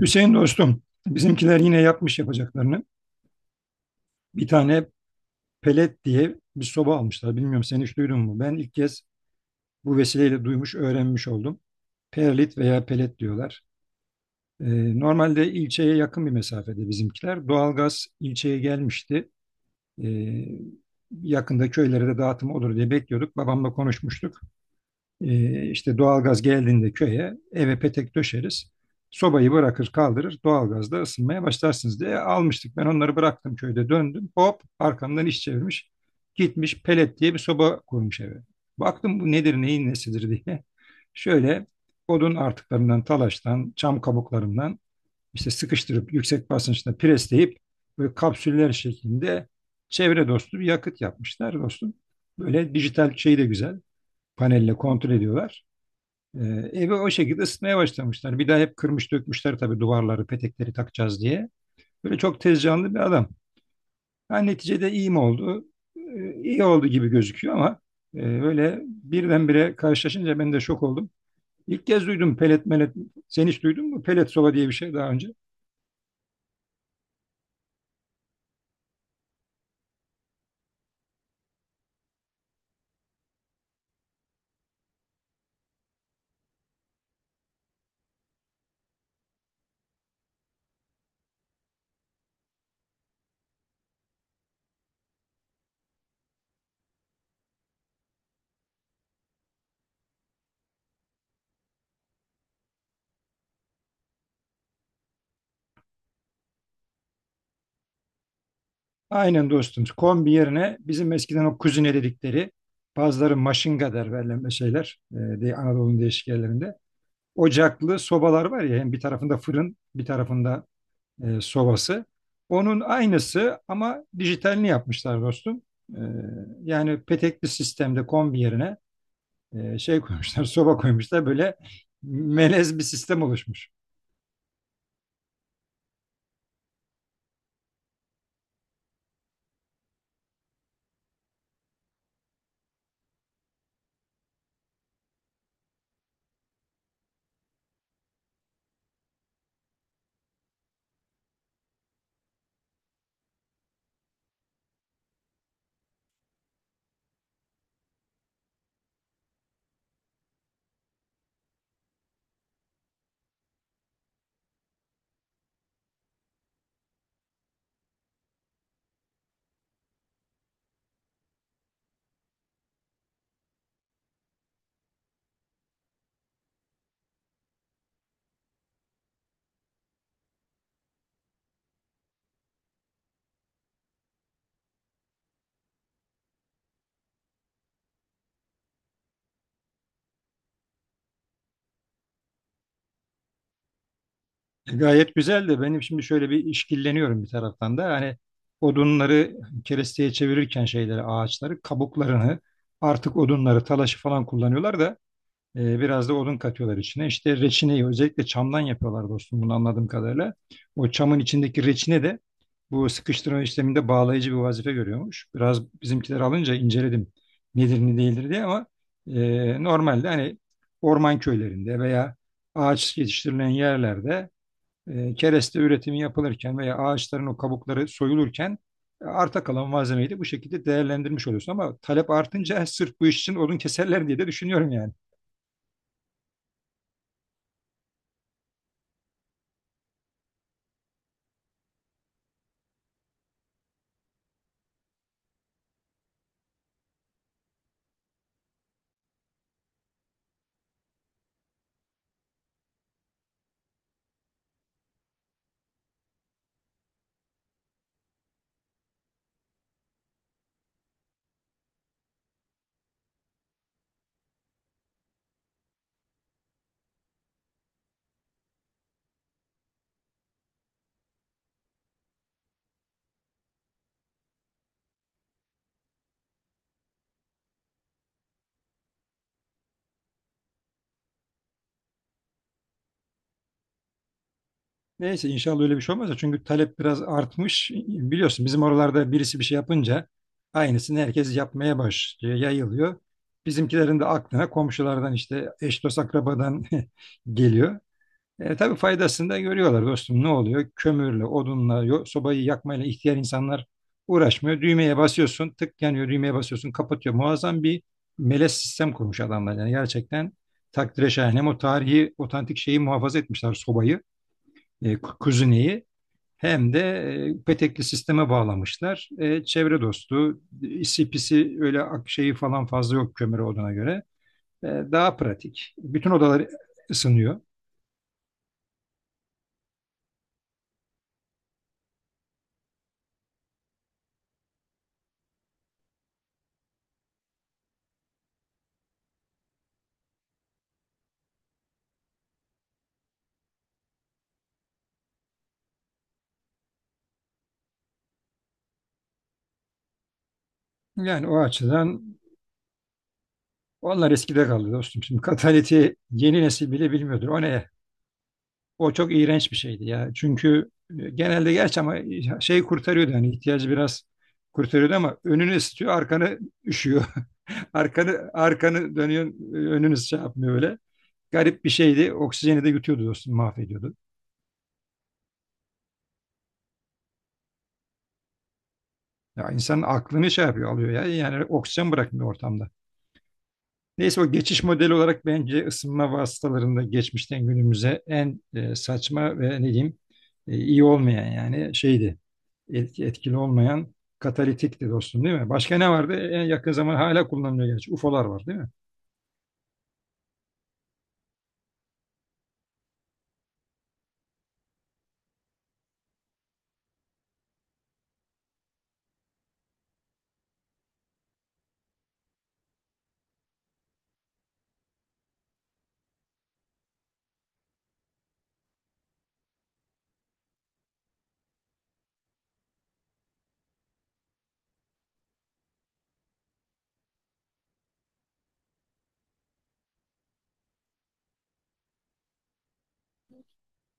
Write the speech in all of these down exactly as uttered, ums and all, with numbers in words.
Hüseyin dostum, bizimkiler yine yapmış yapacaklarını. Bir tane pelet diye bir soba almışlar. Bilmiyorum sen hiç duydun mu? Ben ilk kez bu vesileyle duymuş, öğrenmiş oldum. Perlit veya pelet diyorlar. Ee, normalde ilçeye yakın bir mesafede bizimkiler. Doğalgaz ilçeye gelmişti. Ee, Yakında köylere de dağıtım olur diye bekliyorduk. Babamla konuşmuştuk. Ee, işte doğalgaz geldiğinde köye eve petek döşeriz. Sobayı bırakır kaldırır doğalgazda ısınmaya başlarsınız diye almıştık. Ben onları bıraktım köyde döndüm. Hop arkamdan iş çevirmiş. Gitmiş pelet diye bir soba kurmuş eve. Baktım bu nedir neyin nesidir diye. Şöyle odun artıklarından talaştan çam kabuklarından işte sıkıştırıp yüksek basınçta presleyip böyle kapsüller şeklinde çevre dostu bir yakıt yapmışlar dostum. Böyle dijital şeyi de güzel panelle kontrol ediyorlar. Ee, evi o şekilde ısıtmaya başlamışlar. Bir daha hep kırmış dökmüşler tabii duvarları, petekleri takacağız diye. Böyle çok tez canlı bir adam. Ha, neticede iyi mi oldu? Ee, iyi oldu gibi gözüküyor ama e, böyle birdenbire karşılaşınca ben de şok oldum. İlk kez duydum pelet melet. Sen hiç duydun mu? Pelet soba diye bir şey daha önce. Aynen dostum. Kombi yerine bizim eskiden o kuzine dedikleri, bazıları maşınga der, verilen şeyler e, diye Anadolu'nun değişik yerlerinde. Ocaklı sobalar var ya, hem bir tarafında fırın bir tarafında e, sovası. Onun aynısı ama dijitalini yapmışlar dostum. E, Yani petekli sistemde kombi yerine e, şey koymuşlar, soba koymuşlar. Böyle melez bir sistem oluşmuş. E, gayet güzel de benim şimdi şöyle bir işkilleniyorum bir taraftan da. Hani odunları keresteye çevirirken şeyleri, ağaçları, kabuklarını, artık odunları, talaşı falan kullanıyorlar da Ee, biraz da odun katıyorlar içine. İşte reçineyi özellikle çamdan yapıyorlar dostum, bunu anladığım kadarıyla. O çamın içindeki reçine de bu sıkıştırma işleminde bağlayıcı bir vazife görüyormuş. Biraz bizimkiler alınca inceledim nedir ne değildir diye, ama e, normalde hani orman köylerinde veya ağaç yetiştirilen yerlerde e, kereste üretimi yapılırken veya ağaçların o kabukları soyulurken e, arta kalan malzemeyi de bu şekilde değerlendirmiş oluyorsun. Ama talep artınca sırf bu iş için odun keserler diye de düşünüyorum yani. Neyse inşallah öyle bir şey olmaz da, çünkü talep biraz artmış. Biliyorsun bizim oralarda birisi bir şey yapınca aynısını herkes yapmaya başlıyor, yayılıyor. Bizimkilerin de aklına komşulardan işte eş dost akrabadan geliyor. E, tabii faydasını da görüyorlar dostum, ne oluyor? Kömürle, odunla, yo- sobayı yakmayla ihtiyar insanlar uğraşmıyor. Düğmeye basıyorsun, tık yanıyor, düğmeye basıyorsun, kapatıyor. Muazzam bir melez sistem kurmuş adamlar. Yani gerçekten takdire şayan. Hem o tarihi, otantik şeyi muhafaza etmişler, sobayı e, kuzineyi, hem de e, petekli sisteme bağlamışlar. E, çevre dostu, isi pisi öyle ak- şeyi falan fazla yok kömür odana göre. E, daha pratik. Bütün odalar ısınıyor. Yani o açıdan onlar eskide kaldı dostum. Şimdi kataliti yeni nesil bile bilmiyordur. O ne? O çok iğrenç bir şeydi ya. Çünkü e, genelde gerçi, ama e, şey kurtarıyordu, hani ihtiyacı biraz kurtarıyordu ama önünü ısıtıyor, arkanı üşüyor. Arkanı arkanı dönüyor, e, önünü şey yapmıyor öyle. Garip bir şeydi. Oksijeni de yutuyordu dostum, mahvediyordu. Ya insanın aklını şey yapıyor, alıyor ya. Yani oksijen bırakmıyor ortamda. Neyse, o geçiş modeli olarak bence ısınma vasıtalarında geçmişten günümüze en e, saçma ve ne diyeyim e, iyi olmayan yani şeydi. Etki, etkili olmayan katalitikti dostum değil mi? Başka ne vardı? En yakın zaman hala kullanılıyor gerçi. u f o'lar var değil mi?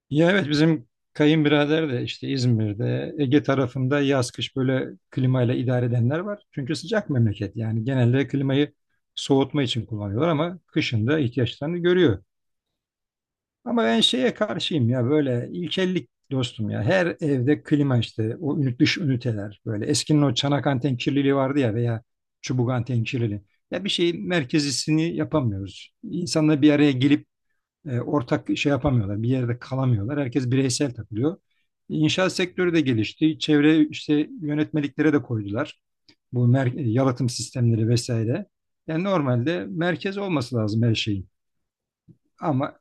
Ya evet, bizim kayınbirader de işte İzmir'de, Ege tarafında yaz kış böyle klimayla idare edenler var. Çünkü sıcak memleket, yani genelde klimayı soğutma için kullanıyorlar ama kışın da ihtiyaçlarını görüyor. Ama ben şeye karşıyım ya, böyle ilkellik dostum ya, her evde klima işte, o ünit dış üniteler, böyle eskinin o çanak anten kirliliği vardı ya, veya çubuk anten kirliliği. Ya bir şeyin merkezisini yapamıyoruz. İnsanla bir araya gelip e, ortak şey yapamıyorlar. Bir yerde kalamıyorlar. Herkes bireysel takılıyor. İnşaat sektörü de gelişti. Çevre işte yönetmeliklere de koydular. Bu mer- e, yalıtım sistemleri vesaire. Yani normalde merkez olması lazım her şeyin. Ama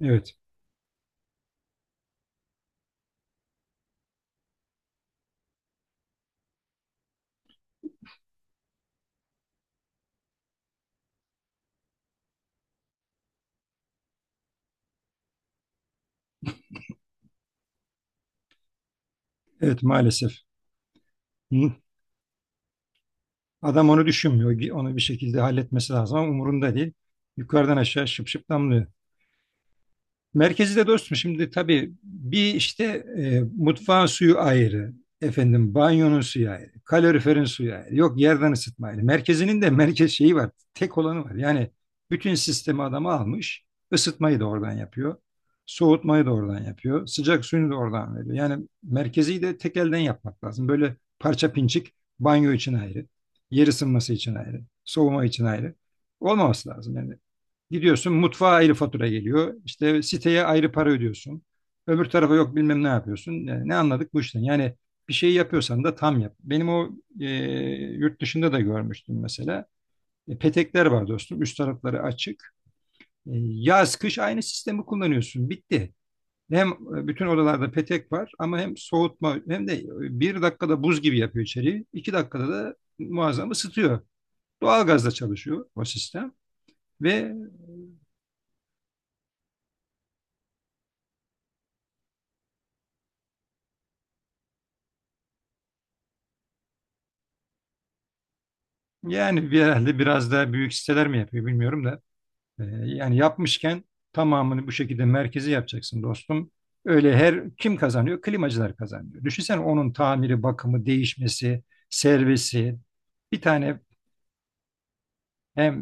evet, evet maalesef. Hı. Adam onu düşünmüyor. Onu bir şekilde halletmesi lazım ama umurunda değil. Yukarıdan aşağı şıp şıp damlıyor. Merkezi de dostum, şimdi tabii bir işte e, mutfağın suyu ayrı, efendim banyonun suyu ayrı, kaloriferin suyu ayrı, yok yerden ısıtma ayrı. Merkezinin de merkez şeyi var, tek olanı var. Yani bütün sistemi adamı almış, ısıtmayı da oradan yapıyor, soğutmayı da oradan yapıyor, sıcak suyunu da oradan veriyor. Yani merkezi de tek elden yapmak lazım. Böyle parça pinçik, banyo için ayrı, yer ısınması için ayrı, soğuma için ayrı olmaması lazım. Yani gidiyorsun mutfağa ayrı fatura geliyor. İşte siteye ayrı para ödüyorsun. Öbür tarafa yok bilmem ne yapıyorsun. Yani ne anladık bu işten? Yani bir şeyi yapıyorsan da tam yap. Benim o e, yurt dışında da görmüştüm mesela. E, petekler var dostum. Üst tarafları açık. E, yaz kış aynı sistemi kullanıyorsun. Bitti. Hem e, bütün odalarda petek var, ama hem soğutma hem de e, bir dakikada buz gibi yapıyor içeriği. iki dakikada da muazzam ısıtıyor. Doğalgazla çalışıyor o sistem ve yani bir- herhalde biraz daha büyük siteler mi yapıyor bilmiyorum da. Ee, yani yapmışken tamamını bu şekilde merkezi yapacaksın dostum. Öyle her kim kazanıyor? Klimacılar kazanıyor. Düşünsene onun tamiri, bakımı, değişmesi, servisi. Bir tane hem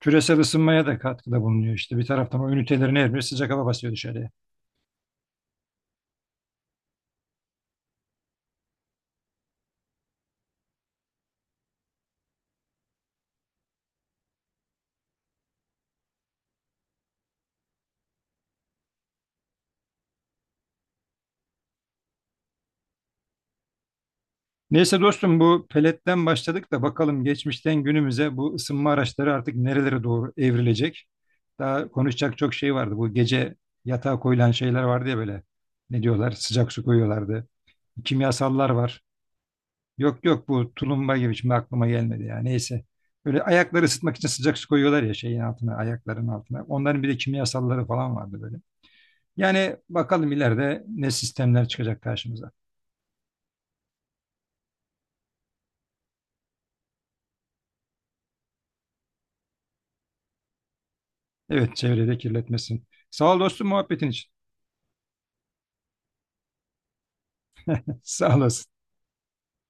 küresel ısınmaya da katkıda bulunuyor işte. Bir taraftan o ünitelerin her biri sıcak hava basıyor dışarıya. Neyse dostum, bu peletten başladık da bakalım geçmişten günümüze bu ısınma araçları artık nerelere doğru evrilecek. Daha konuşacak çok şey vardı. Bu gece yatağa koyulan şeyler vardı ya böyle. Ne diyorlar? Sıcak su koyuyorlardı. Kimyasallar var. Yok yok, bu tulumba gibi, şimdi aklıma gelmedi ya. Neyse. Böyle ayakları ısıtmak için sıcak su koyuyorlar ya şeyin altına, ayakların altına. Onların bir de kimyasalları falan vardı böyle. Yani bakalım ileride ne sistemler çıkacak karşımıza. Evet, çevrede kirletmesin. Sağ ol dostum muhabbetin için. Sağ olasın.